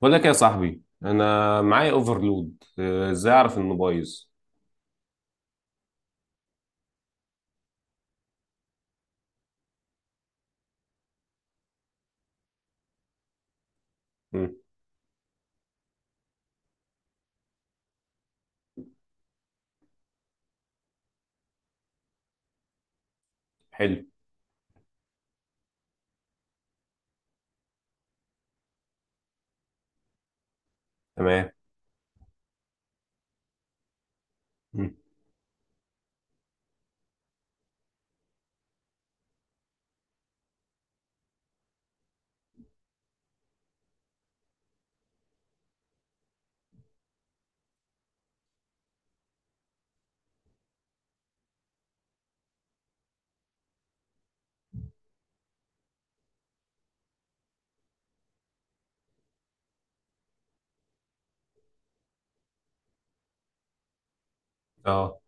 بقول لك يا صاحبي، انا معايا اوفرلود. ازاي اعرف انه بايظ؟ مم. حلو. تمام. مم. اه.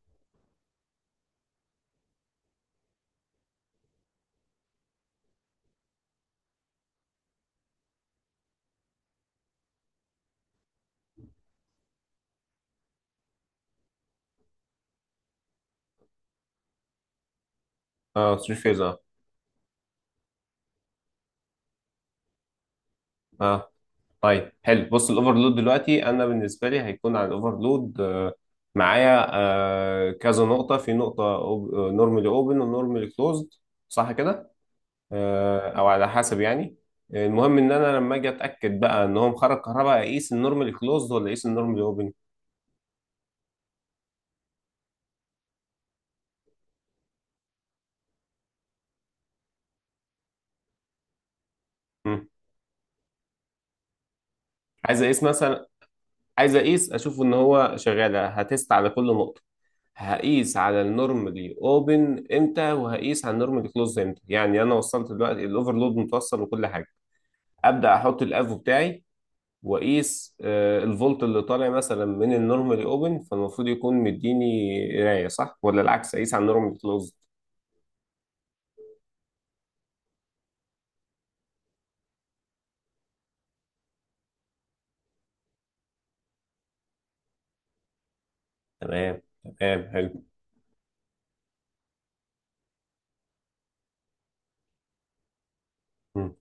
اه، سويتش فيز، اه. اه. طيب حلو، بص. الاوفرلود دلوقتي انا بالنسبه لي هيكون على الاوفرلود. معايا كذا نقطه في نقطه، نورمالي اوبن ونورمالي كلوزد، صح كده؟ آه، او على حسب يعني. المهم ان انا لما اجي اتاكد بقى ان هو مخرج كهرباء، اقيس النورمالي كلوزد ولا اقيس النورمالي اوبن؟ عايز اقيس مثلا، عايز اقيس اشوف ان هو شغال، هتست على كل نقطه. هقيس على النورمالي اوبن امتى وهقيس على النورمالي كلوز امتى؟ يعني انا وصلت دلوقتي، الاوفرلود متوصل وكل حاجه. ابدا احط الافو بتاعي واقيس الفولت اللي طالع مثلا من النورمالي اوبن، فالمفروض يكون مديني قرايه، صح، ولا العكس اقيس على النورمالي كلوز؟ تمام. تمام حلو. مم.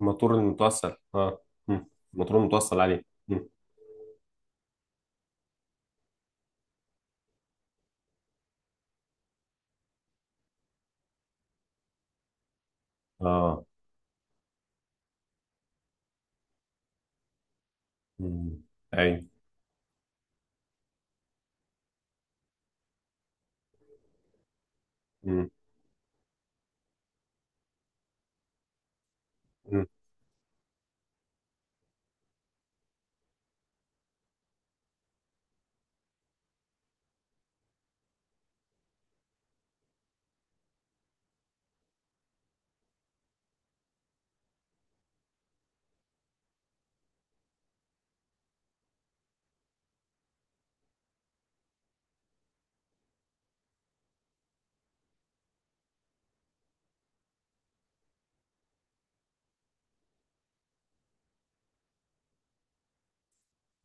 الموتور المتوصل، اه. مم. الموتور المتوصل عليه. مم. اه. مم. ايوه. مم. مم.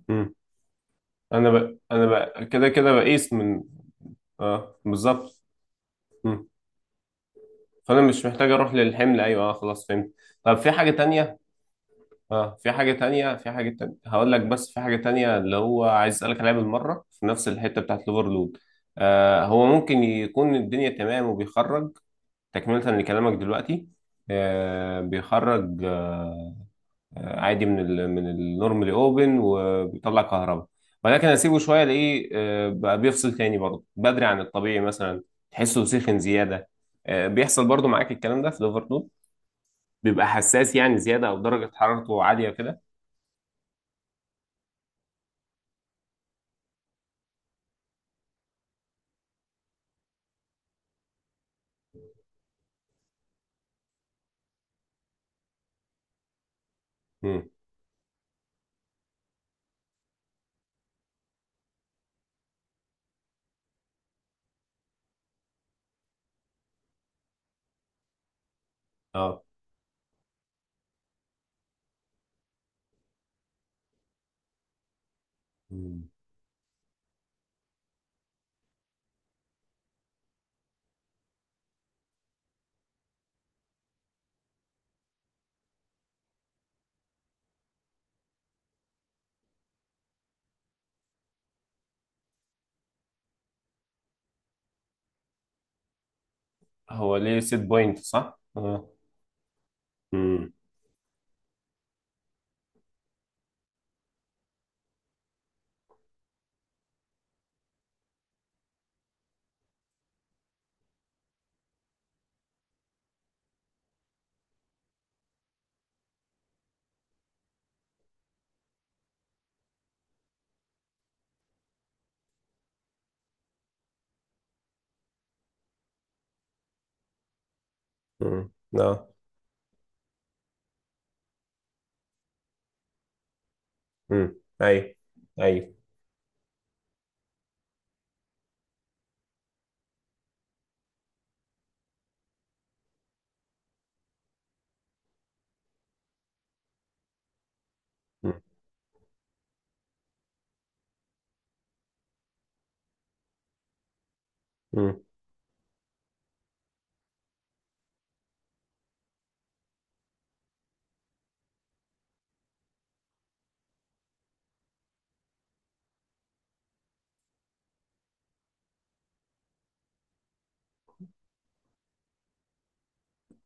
مم. كده كده بقيس من. اه، بالظبط. مم. فانا مش محتاج اروح للحمل. ايوه، اه، خلاص فهمت. طب في حاجه تانية؟ اه، في حاجه تانية، هقول لك. بس في حاجه تانية اللي هو عايز اسالك عليها بالمره، في نفس الحته بتاعت الاوفرلود. آه، هو ممكن يكون الدنيا تمام وبيخرج، تكمله لكلامك دلوقتي. بيخرج، عادي من من النورمالي اوبن وبيطلع كهرباء، ولكن اسيبه شويه، الاقيه بقى بيفصل تاني برضه بدري عن الطبيعي مثلا، تحسه سخن زياده. بيحصل برضه معاك الكلام ده في الاوفرلود، بيبقى حساس يعني زياده او درجه حرارته عاليه كده. امم. اه. مم. هو ليه سيت بوينت، صح؟ اه. امم. امم. اه. امم. ايوه. ايوه،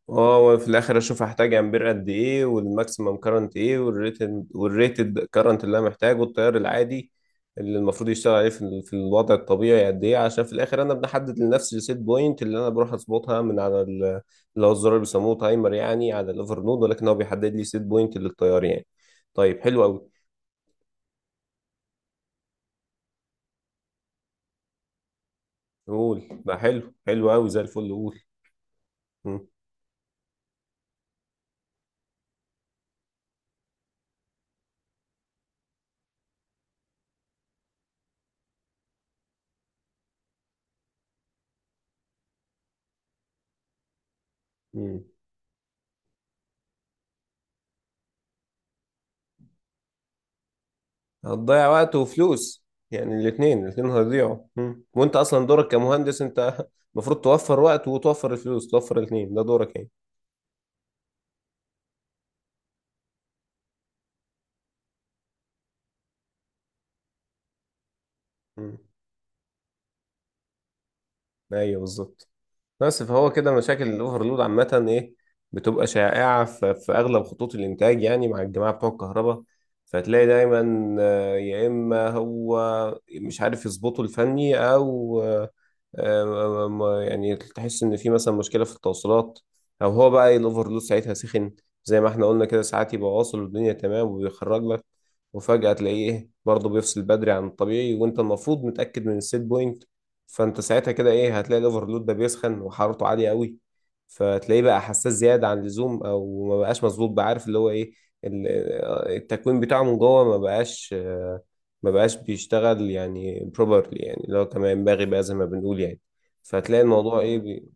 اه، وفي الاخر اشوف هحتاج امبير قد ايه، والماكسيمم كارنت ايه، والريتد، والريتد كارنت اللي انا محتاجه، التيار العادي اللي المفروض يشتغل عليه في، في الوضع الطبيعي قد ايه، عشان في الاخر انا بحدد لنفسي السيت بوينت اللي انا بروح اظبطها من على اللي هو الزرار اللي بيسموه تايمر يعني، على الاوفر نود، ولكن هو بيحدد لي سيت بوينت للتيار يعني. طيب حلو قوي. قول بقى، حلو حلو قوي زي الفل، قول. مم. مم. هتضيع وقت وفلوس، يعني الاثنين الاثنين هيضيعوا. مم. وانت اصلا دورك كمهندس انت المفروض توفر وقت وتوفر الفلوس، توفر الاثنين، ده دورك يعني. مم. ايوه بالظبط. بس فهو كده مشاكل الاوفرلود عامة ايه؟ بتبقى شائعة في، اغلب خطوط الانتاج، يعني مع الجماعة بتوع الكهرباء. فتلاقي دايما يا اما هو مش عارف يظبطه الفني، او يعني تحس ان في مثلا مشكلة في التوصيلات، او هو بقى الاوفرلود ساعتها سخن. زي ما احنا قلنا كده، ساعات يبقى واصل والدنيا تمام وبيخرج لك، وفجأة تلاقيه ايه، برضه بيفصل بدري عن الطبيعي، وانت المفروض متأكد من السيت بوينت. فانت ساعتها كده ايه، هتلاقي الاوفرلود ده بيسخن وحرارته عاليه قوي، فتلاقيه بقى حساس زياده عن اللزوم، او ما بقاش مظبوط بقى. عارف اللي هو ايه، ال- التكوين بتاعه من جوه ما بقاش، بيشتغل يعني بروبرلي، يعني اللي هو كما ينبغي بقى زي ما بنقول يعني. فهتلاقي الموضوع ايه بي...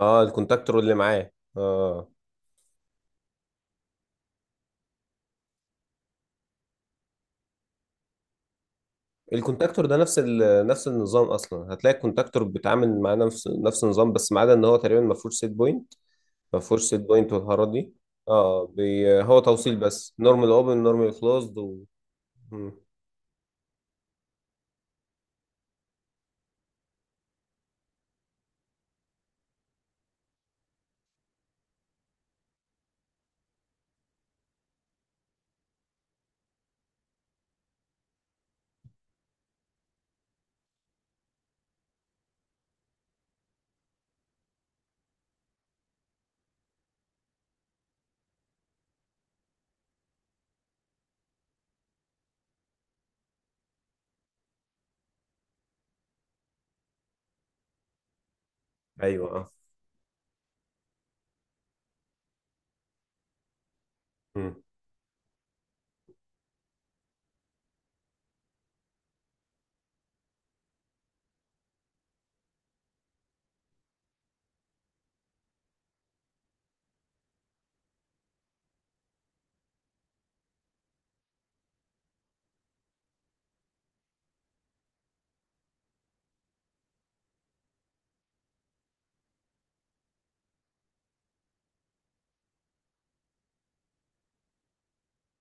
اه، الكونتاكتور اللي معاه. اه. الكونتاكتور ده نفس نفس النظام، اصلا هتلاقي الكونتاكتور بيتعامل مع نفس النظام، بس ما عدا ان هو تقريبا ما فيهوش سيت بوينت. ما فيهوش سيت بوينت والحوارات دي. اه، بي... هو توصيل بس، نورمال اوبن، نورمال كلوزد و... مم. ايوه. اه. مم.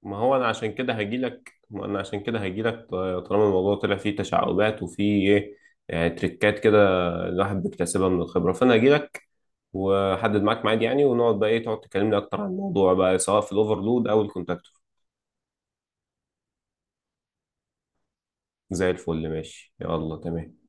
ما هو انا عشان كده هجي لك. ما انا عشان كده هجي لك طالما الموضوع طلع فيه تشعبات وفيه ايه، يعني تريكات كده الواحد بيكتسبها من الخبره، فانا هجي لك واحدد معاك ميعاد يعني، ونقعد بقى ايه، تقعد تكلمني اكتر عن الموضوع بقى، سواء في الاوفرلود او الكونتاكتور. زي الفل ماشي، يلا تمام.